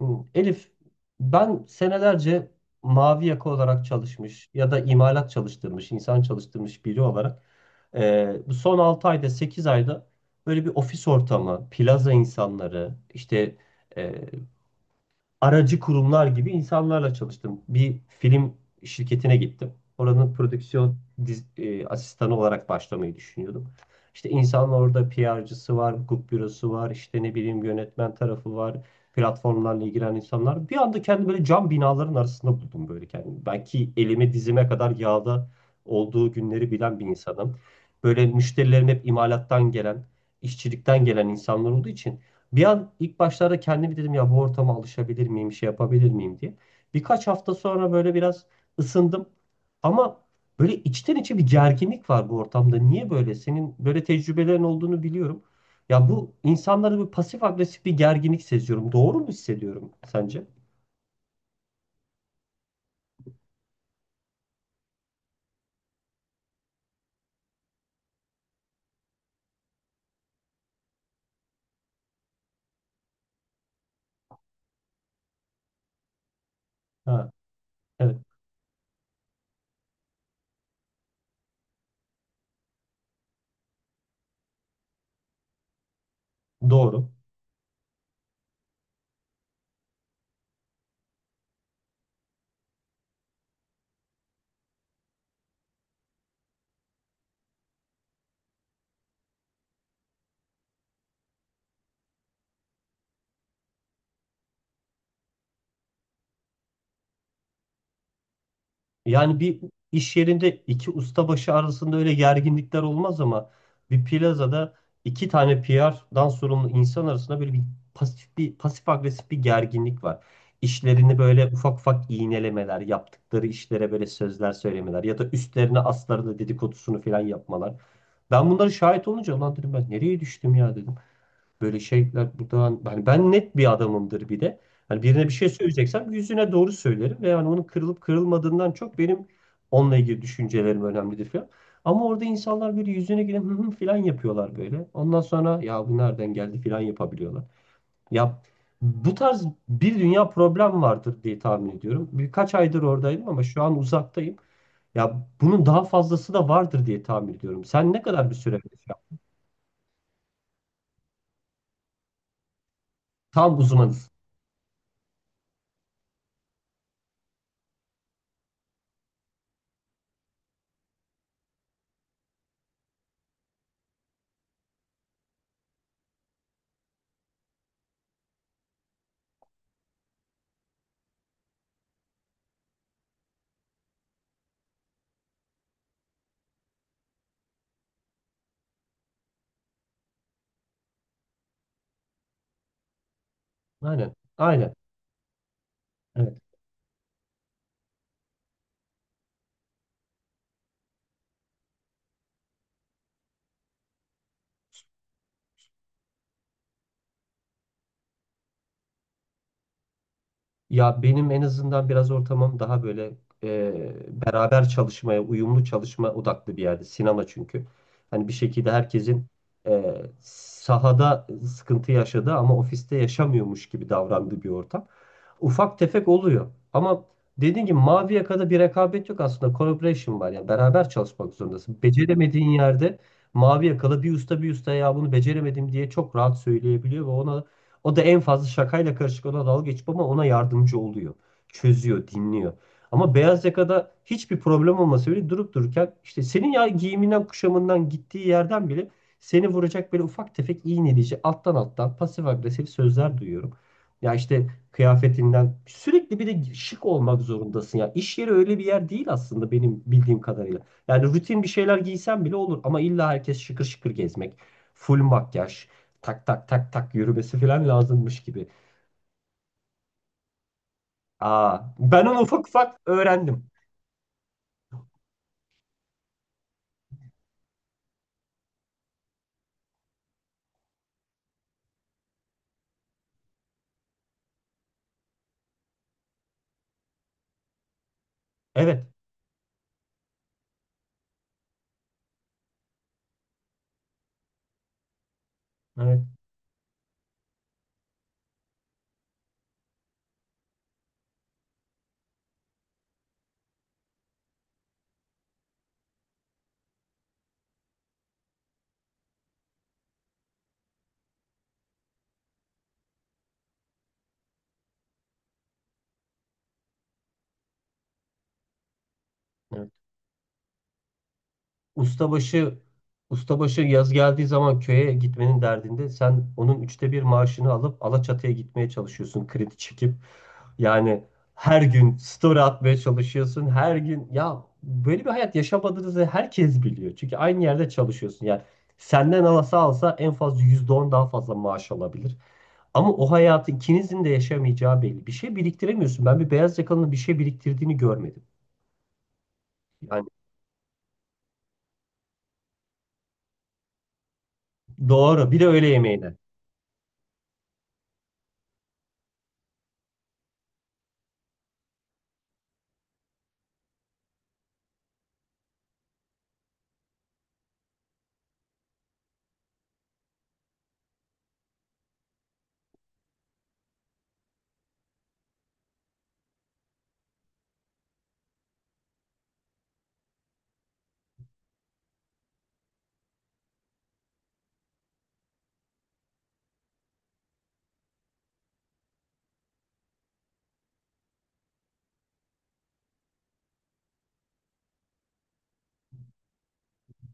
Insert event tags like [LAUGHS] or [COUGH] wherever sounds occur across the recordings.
Hmm, Elif, ben senelerce mavi yaka olarak çalışmış ya da imalat çalıştırmış, insan çalıştırmış biri olarak bu son 6 ayda, 8 ayda böyle bir ofis ortamı, plaza insanları, işte e, aracı kurumlar gibi insanlarla çalıştım. Bir film şirketine gittim. Oranın prodüksiyon asistanı olarak başlamayı düşünüyordum. İşte insanlar orada PR'cısı var, hukuk bürosu var, işte ne bileyim yönetmen tarafı var, platformlarla ilgilenen insanlar. Bir anda kendimi böyle cam binaların arasında buldum böyle kendimi. Belki elime dizime kadar yağda olduğu günleri bilen bir insanım. Böyle müşterilerim hep imalattan gelen, işçilikten gelen insanlar olduğu için bir an ilk başlarda kendimi dedim ya bu ortama alışabilir miyim, şey yapabilir miyim diye. Birkaç hafta sonra böyle biraz ısındım. Ama böyle içten içe bir gerginlik var bu ortamda. Niye böyle? Senin böyle tecrübelerin olduğunu biliyorum. Ya bu insanlarda bir pasif agresif bir gerginlik seziyorum. Doğru mu hissediyorum sence? Ha, evet, doğru. Yani bir iş yerinde iki ustabaşı arasında öyle gerginlikler olmaz ama bir plazada iki tane PR'dan sorumlu insan arasında böyle bir pasif agresif bir gerginlik var. İşlerini böyle ufak ufak iğnelemeler, yaptıkları işlere böyle sözler söylemeler ya da üstlerine aslarını dedikodusunu falan yapmalar. Ben bunları şahit olunca lan dedim ben nereye düştüm ya dedim. Böyle şeyler buradan hani ben net bir adamımdır bir de. Hani birine bir şey söyleyeceksem yüzüne doğru söylerim ve yani onun kırılıp kırılmadığından çok benim onunla ilgili düşüncelerim önemlidir falan. Ama orada insanlar böyle yüzüne gidip hı hı falan yapıyorlar böyle. Ondan sonra ya bu nereden geldi falan yapabiliyorlar. Ya bu tarz bir dünya problem vardır diye tahmin ediyorum. Birkaç aydır oradaydım ama şu an uzaktayım. Ya bunun daha fazlası da vardır diye tahmin ediyorum. Sen ne kadar bir süre? Tam uzmanız. Aynen. Aynen. Evet. Ya benim en azından biraz ortamım daha böyle beraber çalışmaya, uyumlu çalışma odaklı bir yerde. Sinema çünkü. Hani bir şekilde herkesin e, sahada sıkıntı yaşadığı ama ofiste yaşamıyormuş gibi davrandığı bir ortam. Ufak tefek oluyor. Ama dediğim gibi mavi yakada bir rekabet yok aslında. Collaboration var. Yani beraber çalışmak zorundasın. Beceremediğin yerde mavi yakalı bir usta ya bunu beceremedim diye çok rahat söyleyebiliyor ve ona o da en fazla şakayla karışık ona dalga geçip ama ona yardımcı oluyor. Çözüyor, dinliyor. Ama beyaz yakada hiçbir problem olmasa bile durup dururken işte senin ya giyiminden, kuşamından, gittiği yerden bile seni vuracak böyle ufak tefek iğneleyici alttan alttan pasif agresif sözler duyuyorum. Ya işte kıyafetinden sürekli bir de şık olmak zorundasın ya. İş yeri öyle bir yer değil aslında benim bildiğim kadarıyla. Yani rutin bir şeyler giysen bile olur ama illa herkes şıkır şıkır gezmek, full makyaj, tak tak tak tak yürümesi falan lazımmış gibi. Aa, ben onu ufak ufak öğrendim. Evet, evet, evet. Ustabaşı, ustabaşı yaz geldiği zaman köye gitmenin derdinde sen onun 1/3 maaşını alıp Alaçatı'ya gitmeye çalışıyorsun kredi çekip. Yani her gün story atmaya çalışıyorsun. Her gün ya böyle bir hayat yaşamadığınızı herkes biliyor. Çünkü aynı yerde çalışıyorsun. Yani senden alsa alsa en fazla %10 daha fazla maaş alabilir. Ama o hayatı ikinizin de yaşamayacağı belli. Bir şey biriktiremiyorsun. Ben bir beyaz yakalının bir şey biriktirdiğini görmedim. Yani doğru. Bir de öğle yemeğine.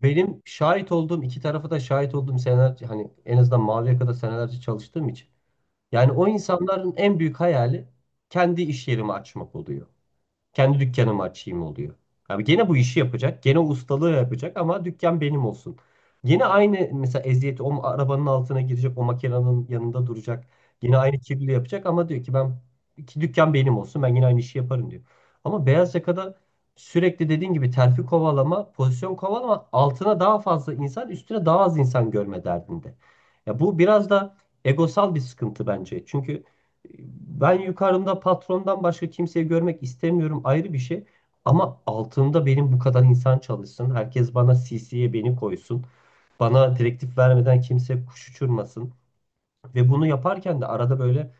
Benim şahit olduğum iki tarafı da şahit olduğum seneler hani en azından mavi yakada senelerce çalıştığım için. Yani o insanların en büyük hayali kendi iş yerimi açmak oluyor. Kendi dükkanımı açayım oluyor. Abi gene bu işi yapacak. Gene ustalığı yapacak ama dükkan benim olsun. Gene aynı mesela eziyeti o arabanın altına girecek. O makinenin yanında duracak. Yine aynı kirliliği yapacak ama diyor ki ben ki dükkan benim olsun. Ben yine aynı işi yaparım diyor. Ama beyaz yakada sürekli dediğin gibi terfi kovalama, pozisyon kovalama altına daha fazla insan, üstüne daha az insan görme derdinde. Ya bu biraz da egosal bir sıkıntı bence. Çünkü ben yukarımda patrondan başka kimseyi görmek istemiyorum ayrı bir şey. Ama altımda benim bu kadar insan çalışsın. Herkes bana CC'ye beni koysun. Bana direktif vermeden kimse kuş uçurmasın. Ve bunu yaparken de arada böyle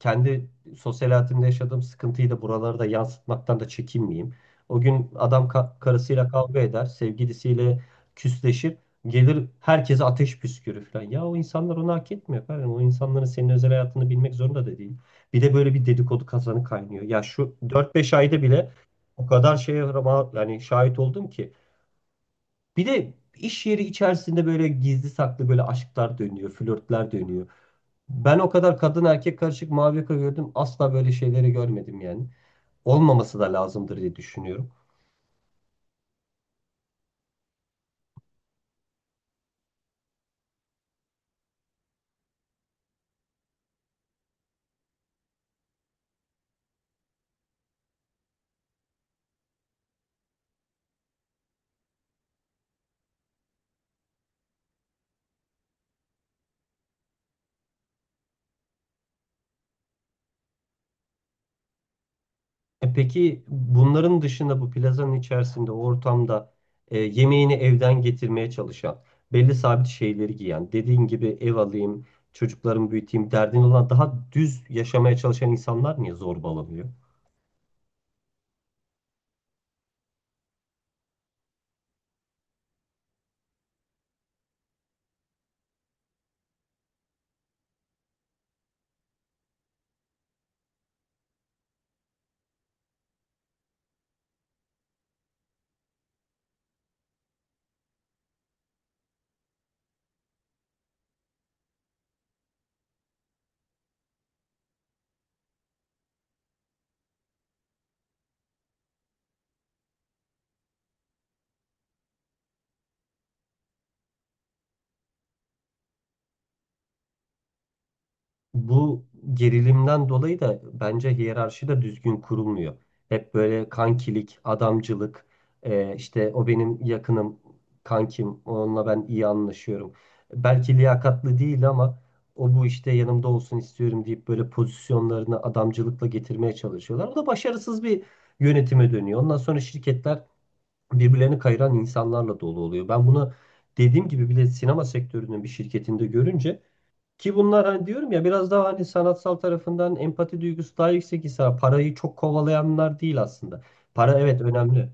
kendi sosyal hayatımda yaşadığım sıkıntıyı da buralara da yansıtmaktan da çekinmeyeyim. O gün adam karısıyla kavga eder, sevgilisiyle küsleşir, gelir herkese ateş püskürür falan. Ya o insanlar onu hak etmiyor efendim. O insanların senin özel hayatını bilmek zorunda da değil. Bir de böyle bir dedikodu kazanı kaynıyor. Ya şu 4-5 ayda bile o kadar şeye yani şahit oldum ki. Bir de iş yeri içerisinde böyle gizli saklı böyle aşklar dönüyor, flörtler dönüyor. Ben o kadar kadın erkek karışık mavi yaka gördüm. Asla böyle şeyleri görmedim yani. Olmaması da lazımdır diye düşünüyorum. E peki bunların dışında bu plazanın içerisinde o ortamda yemeğini evden getirmeye çalışan, belli sabit şeyleri giyen, dediğin gibi ev alayım, çocuklarımı büyüteyim derdin olan daha düz yaşamaya çalışan insanlar niye zorbalanıyor? Bu gerilimden dolayı da bence hiyerarşi de düzgün kurulmuyor. Hep böyle kankilik, adamcılık, işte o benim yakınım, kankim, onunla ben iyi anlaşıyorum. Belki liyakatlı değil ama o bu işte yanımda olsun istiyorum deyip böyle pozisyonlarını adamcılıkla getirmeye çalışıyorlar. O da başarısız bir yönetime dönüyor. Ondan sonra şirketler birbirlerini kayıran insanlarla dolu oluyor. Ben bunu dediğim gibi bile sinema sektörünün bir şirketinde görünce ki bunlar hani diyorum ya biraz daha hani sanatsal tarafından empati duygusu daha yüksek ise parayı çok kovalayanlar değil aslında. Para evet önemli.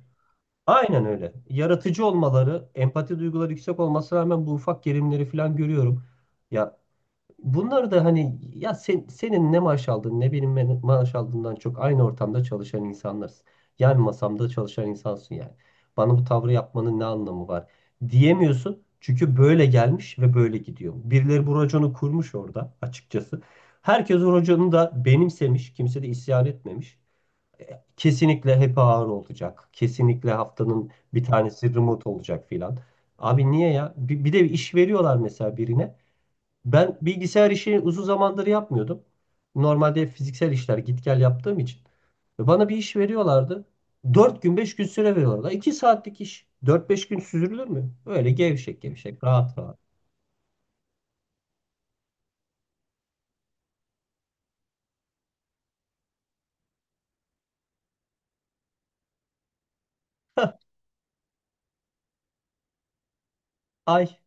Aynen öyle. Yaratıcı olmaları, empati duyguları yüksek olması rağmen bu ufak gerilimleri falan görüyorum. Ya bunları da hani ya sen, senin ne maaş aldığın ne benim maaş aldığımdan çok aynı ortamda çalışan insanlarız. Yan masamda çalışan insansın yani. Bana bu tavrı yapmanın ne anlamı var diyemiyorsun. Çünkü böyle gelmiş ve böyle gidiyor. Birileri bu raconu kurmuş orada açıkçası. Herkes o raconu da benimsemiş. Kimse de isyan etmemiş. Kesinlikle hep ağır olacak. Kesinlikle haftanın bir tanesi remote olacak filan. Abi niye ya? Bir de iş veriyorlar mesela birine. Ben bilgisayar işini uzun zamandır yapmıyordum. Normalde fiziksel işler git gel yaptığım için. Ve bana bir iş veriyorlardı. 4 gün 5 gün süre veriyorlardı. 2 saatlik iş. 4-5 gün süzülür mü? Öyle gevşek gevşek rahat rahat. Ay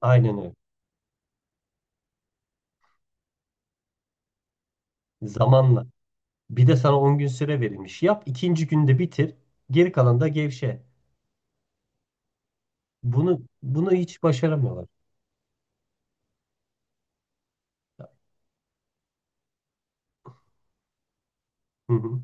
aynen öyle. Zamanla. Bir de sana 10 gün süre verilmiş. Yap 2. günde bitir. Geri kalan da gevşe. Bunu hiç başaramıyorlar. Hı hı.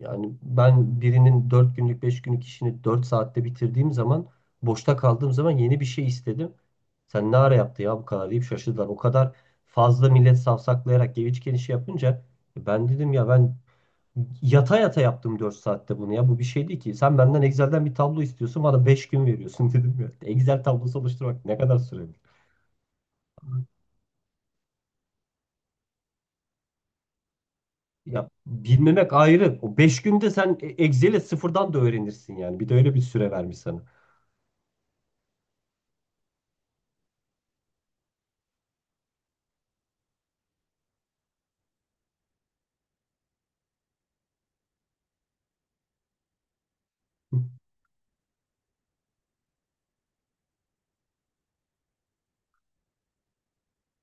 Yani ben birinin 4 günlük 5 günlük işini 4 saatte bitirdiğim zaman boşta kaldığım zaman yeni bir şey istedim. Sen ne ara yaptı ya bu kadar deyip şaşırdılar. O kadar fazla millet safsaklayarak geviçken işi yapınca ben dedim ya ben yata yata yaptım 4 saatte bunu ya bu bir şey değil ki. Sen benden Excel'den bir tablo istiyorsun bana 5 gün veriyorsun [LAUGHS] dedim ya. Excel tablosu oluşturmak ne kadar sürer? Ya bilmemek ayrı. O 5 günde sen Excel'i sıfırdan da öğrenirsin yani. Bir de öyle bir süre vermiş sana. Hı,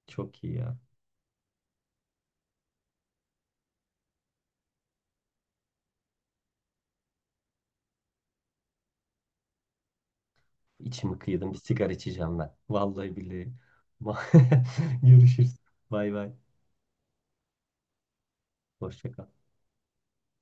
çok iyi ya. İçimi kıydım. Bir sigara içeceğim ben. Vallahi billahi. [LAUGHS] Görüşürüz. Bay bay. Hoşça kal.